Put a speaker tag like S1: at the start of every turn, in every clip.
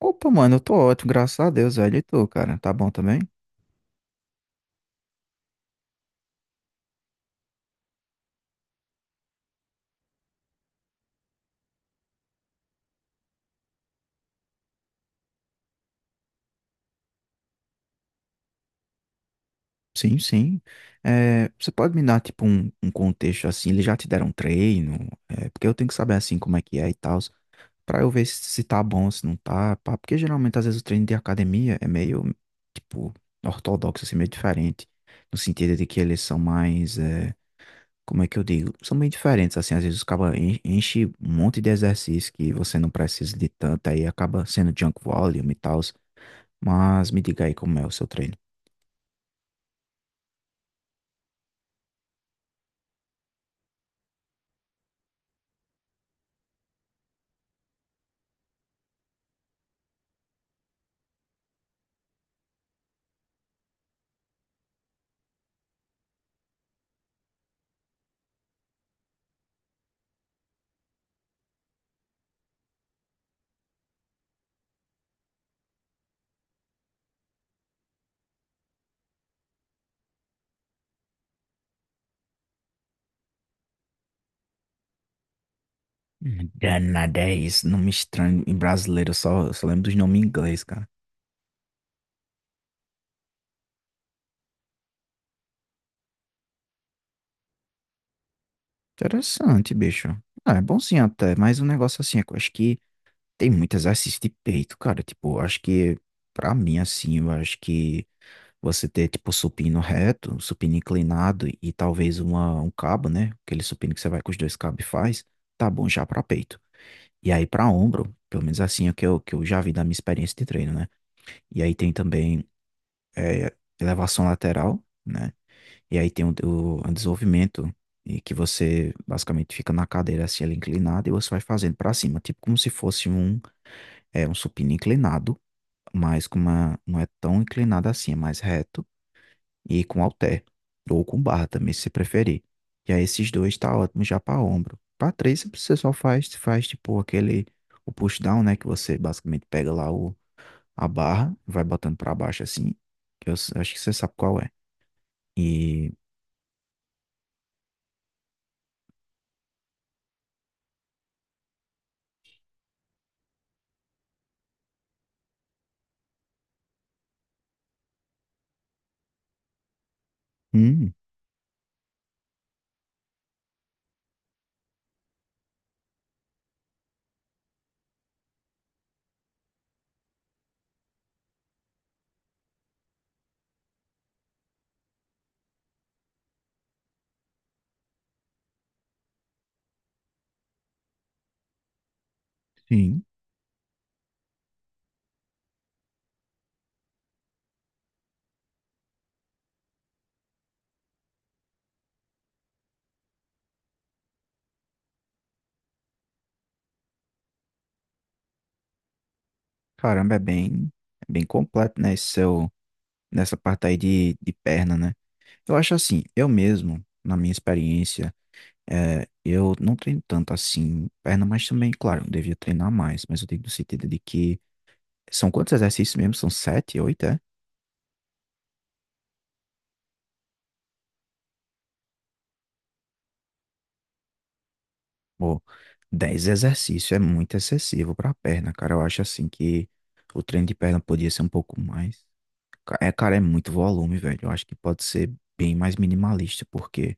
S1: Opa, mano, eu tô ótimo, graças a Deus, velho. E tu, cara? Tá bom também? Sim, sim. É, você pode me dar, tipo, um contexto assim? Eles já te deram treino? É, porque eu tenho que saber, assim, como é que é e tal. Pra eu ver se tá bom, se não tá, pá. Porque geralmente, às vezes, o treino de academia é meio, tipo, ortodoxo, assim, meio diferente. No sentido de que eles são mais, como é que eu digo? São meio diferentes, assim. Às vezes, acaba enche um monte de exercício que você não precisa de tanto, aí acaba sendo junk volume e tal. Mas me diga aí como é o seu treino. Danada é isso, nome estranho em brasileiro, eu só lembro dos nomes em inglês, cara. Interessante, bicho. Ah, é bom sim até, mas um negócio assim, é que eu acho que tem muito exercício de peito, cara. Tipo, acho que, pra mim, assim, eu acho que você ter, tipo, supino reto, supino inclinado e talvez um cabo, né? Aquele supino que você vai com os dois cabos e faz, tá bom já pra peito. E aí, pra ombro, pelo menos assim é o que eu já vi da minha experiência de treino, né? E aí tem também é, elevação lateral, né? E aí tem o desenvolvimento. E que você basicamente fica na cadeira assim, ela inclinada, e você vai fazendo pra cima, tipo como se fosse um, é, um supino inclinado, mas com uma, não é tão inclinada assim, é mais reto e com halter, ou com barra também, se você preferir. E aí esses dois tá ótimo já para ombro. Para três você só faz, faz tipo aquele, o push down, né, que você basicamente pega lá o, a barra, vai botando para baixo assim, que eu acho que você sabe qual é. E, hum, sim, caramba, é bem completo, né, esse seu, nessa parte aí de perna, né. Eu acho assim, eu mesmo, na minha experiência, é, eu não treino tanto assim perna, mas também, claro, eu devia treinar mais, mas eu digo no sentido de que são quantos exercícios mesmo? São 7, 8, é? Pô, 10 exercícios é muito excessivo pra perna, cara. Eu acho assim que o treino de perna podia ser um pouco mais. É, cara, é muito volume, velho. Eu acho que pode ser bem mais minimalista, porque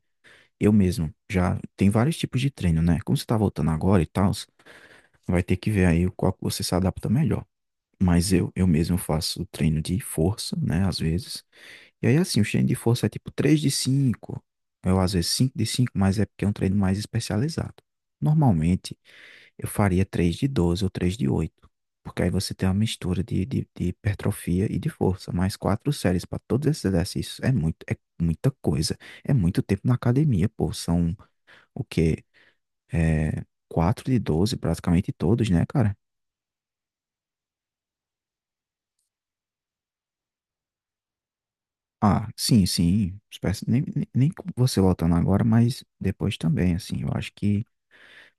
S1: eu mesmo já tem vários tipos de treino, né? Como você tá voltando agora e tal, vai ter que ver aí qual que você se adapta melhor. Mas eu mesmo faço treino de força, né? Às vezes. E aí, assim, o treino de força é tipo 3 de 5. Eu, às vezes, 5 de 5, mas é porque é um treino mais especializado. Normalmente, eu faria 3 de 12 ou 3 de 8. Porque aí você tem uma mistura de hipertrofia e de força. Mais 4 séries para todos esses exercícios. É muito, é muita coisa. É muito tempo na academia, pô. São o quê? É, 4 de 12 praticamente todos, né, cara? Ah, sim, sim. Nem com você voltando agora, mas depois também, assim, eu acho que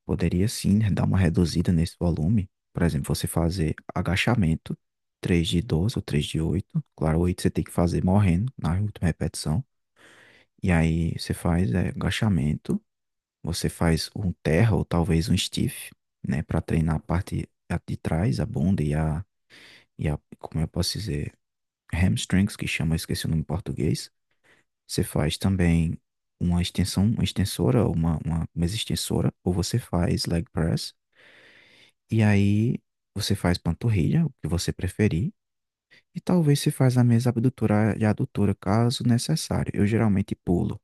S1: poderia sim né, dar uma reduzida nesse volume. Por exemplo, você fazer agachamento, 3 de 12 ou 3 de 8. Claro, 8 você tem que fazer morrendo na última repetição. E aí você faz é, agachamento, você faz um terra ou talvez um stiff, né, para treinar a parte de trás, a bunda e a, como eu posso dizer, hamstrings, que chama, eu esqueci o nome em português. Você faz também uma extensão, uma extensora, ou uma mesa extensora, ou você faz leg press, e aí você faz panturrilha, o que você preferir, e talvez se faz a mesa abdutora e adutora, caso necessário. Eu geralmente pulo,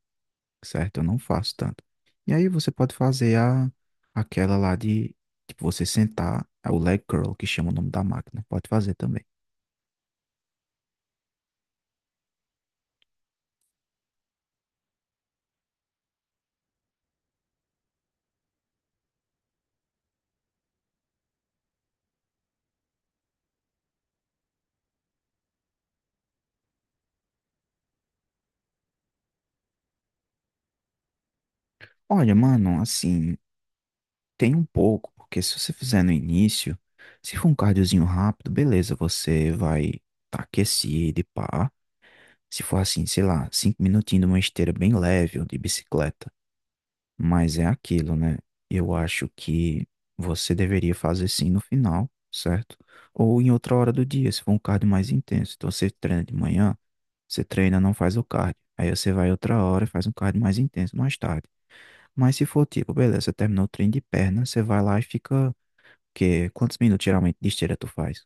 S1: certo? Eu não faço tanto. E aí você pode fazer a, aquela lá de, tipo, você sentar, é o leg curl, que chama o nome da máquina. Pode fazer também. Olha, mano, assim. Tem um pouco, porque se você fizer no início, se for um cardiozinho rápido, beleza, você vai tá aquecido e pá. Se for assim, sei lá, 5 minutinhos de uma esteira bem leve ou de bicicleta. Mas é aquilo, né? Eu acho que você deveria fazer sim no final, certo? Ou em outra hora do dia, se for um cardio mais intenso. Então você treina de manhã, você treina, não faz o cardio. Aí você vai outra hora e faz um cardio mais intenso mais tarde. Mas se for tipo, beleza, você terminou o treino de perna, você vai lá e fica quantos minutos geralmente de esteira tu faz?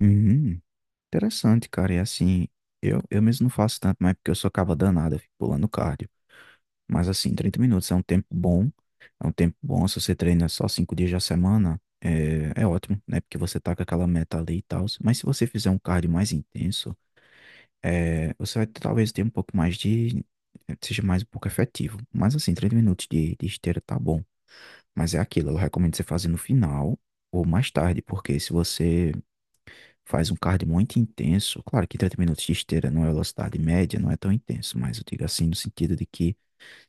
S1: Uhum, interessante, cara. E assim, eu mesmo não faço tanto, mas porque eu sou caba danada, eu fico pulando cardio. Mas assim, 30 minutos é um tempo bom. É um tempo bom. Se você treina só 5 dias da semana, é ótimo, né? Porque você tá com aquela meta ali e tal. Mas se você fizer um cardio mais intenso, é, você vai talvez ter um pouco mais de. Seja mais um pouco efetivo. Mas assim, 30 minutos de esteira tá bom. Mas é aquilo, eu recomendo você fazer no final ou mais tarde, porque se você faz um cardio muito intenso. Claro que 30 minutos de esteira não é velocidade média, não é tão intenso, mas eu digo assim no sentido de que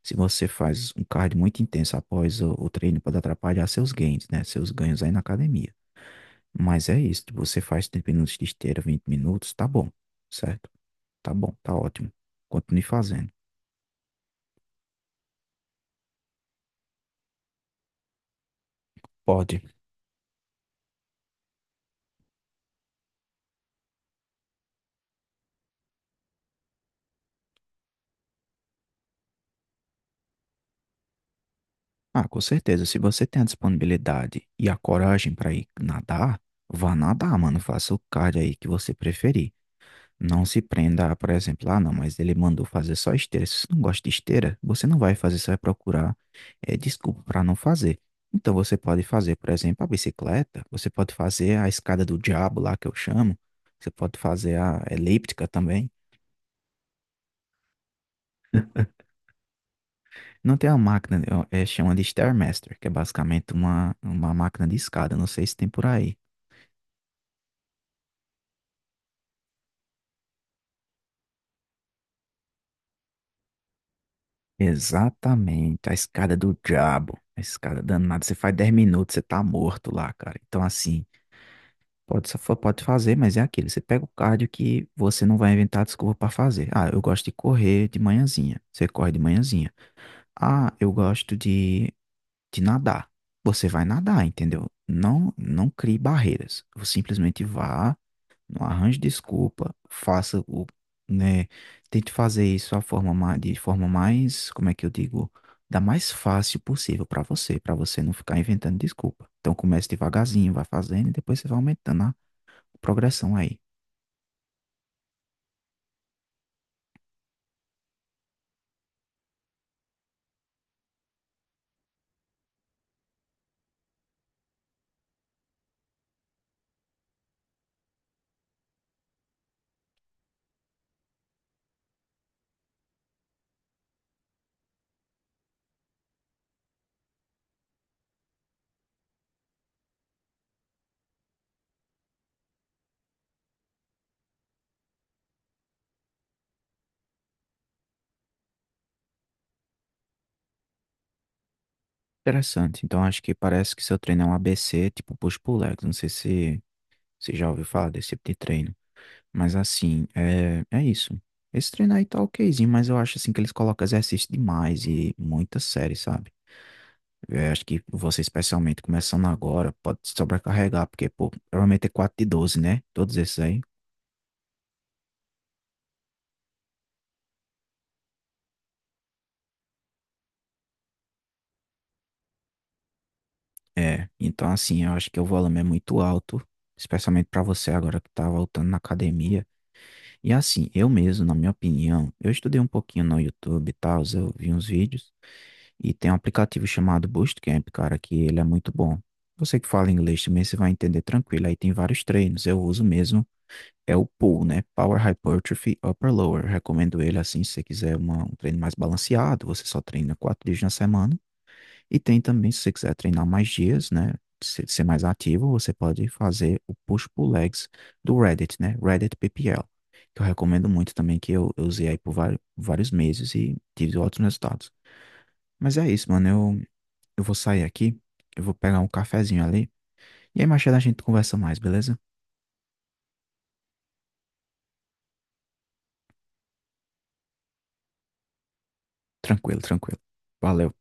S1: se você faz um cardio muito intenso após o treino, pode atrapalhar seus gains, né? Seus ganhos aí na academia. Mas é isso, tipo, você faz 30 minutos de esteira, 20 minutos, tá bom, certo? Tá bom, tá ótimo. Continue fazendo. Pode. Ah, com certeza, se você tem a disponibilidade e a coragem para ir nadar, vá nadar, mano. Faça o cardio aí que você preferir. Não se prenda a, por exemplo, ah, não, mas ele mandou fazer só esteira. Se você não gosta de esteira, você não vai fazer, você vai procurar desculpa para não fazer. Então você pode fazer, por exemplo, a bicicleta, você pode fazer a escada do diabo lá que eu chamo, você pode fazer a elíptica também. Não tem uma máquina, chama de Stairmaster, que é basicamente uma máquina de escada, não sei se tem por aí. Exatamente, a escada do diabo, a escada danada. Você faz 10 minutos, você tá morto lá, cara. Então, assim. Pode, pode fazer, mas é aquilo. Você pega o cardio que você não vai inventar desculpa para fazer. Ah, eu gosto de correr de manhãzinha. Você corre de manhãzinha. Ah, eu gosto de nadar. Você vai nadar, entendeu? Não, não crie barreiras. Você simplesmente vá, não arranje desculpa, faça o, né, tente fazer isso de forma mais, como é que eu digo, da mais fácil possível para você não ficar inventando desculpa. Então comece devagarzinho, vai fazendo e depois você vai aumentando progressão aí. Interessante. Então acho que parece que seu treino é um ABC, tipo push pull legs. Não sei se você já ouviu falar desse tipo de treino. Mas assim, é isso. Esse treino aí tá okzinho, mas eu acho assim que eles colocam exercício demais e muita série, sabe? Eu acho que você, especialmente começando agora, pode se sobrecarregar, porque, pô, provavelmente é 4 de 12 né? Todos esses aí. É. Então, assim, eu acho que o volume é muito alto, especialmente pra você agora que tá voltando na academia. E assim, eu mesmo, na minha opinião, eu estudei um pouquinho no YouTube e tal, eu vi uns vídeos, e tem um aplicativo chamado Bootcamp, cara, que ele é muito bom. Você que fala inglês também, você vai entender tranquilo, aí tem vários treinos, eu uso mesmo, é o PUL, né? Power Hypertrophy Upper Lower, recomendo ele assim, se você quiser um treino mais balanceado, você só treina 4 dias na semana, e tem também, se você quiser treinar mais dias, né? Ser mais ativo, você pode fazer o push-pull legs do Reddit, né? Reddit PPL, que eu recomendo muito também, que eu usei aí por vários, vários meses e tive ótimos resultados. Mas é isso, mano. Eu vou sair aqui, eu vou pegar um cafezinho ali, e aí mais tarde a gente conversa mais, beleza? Tranquilo, tranquilo. Valeu.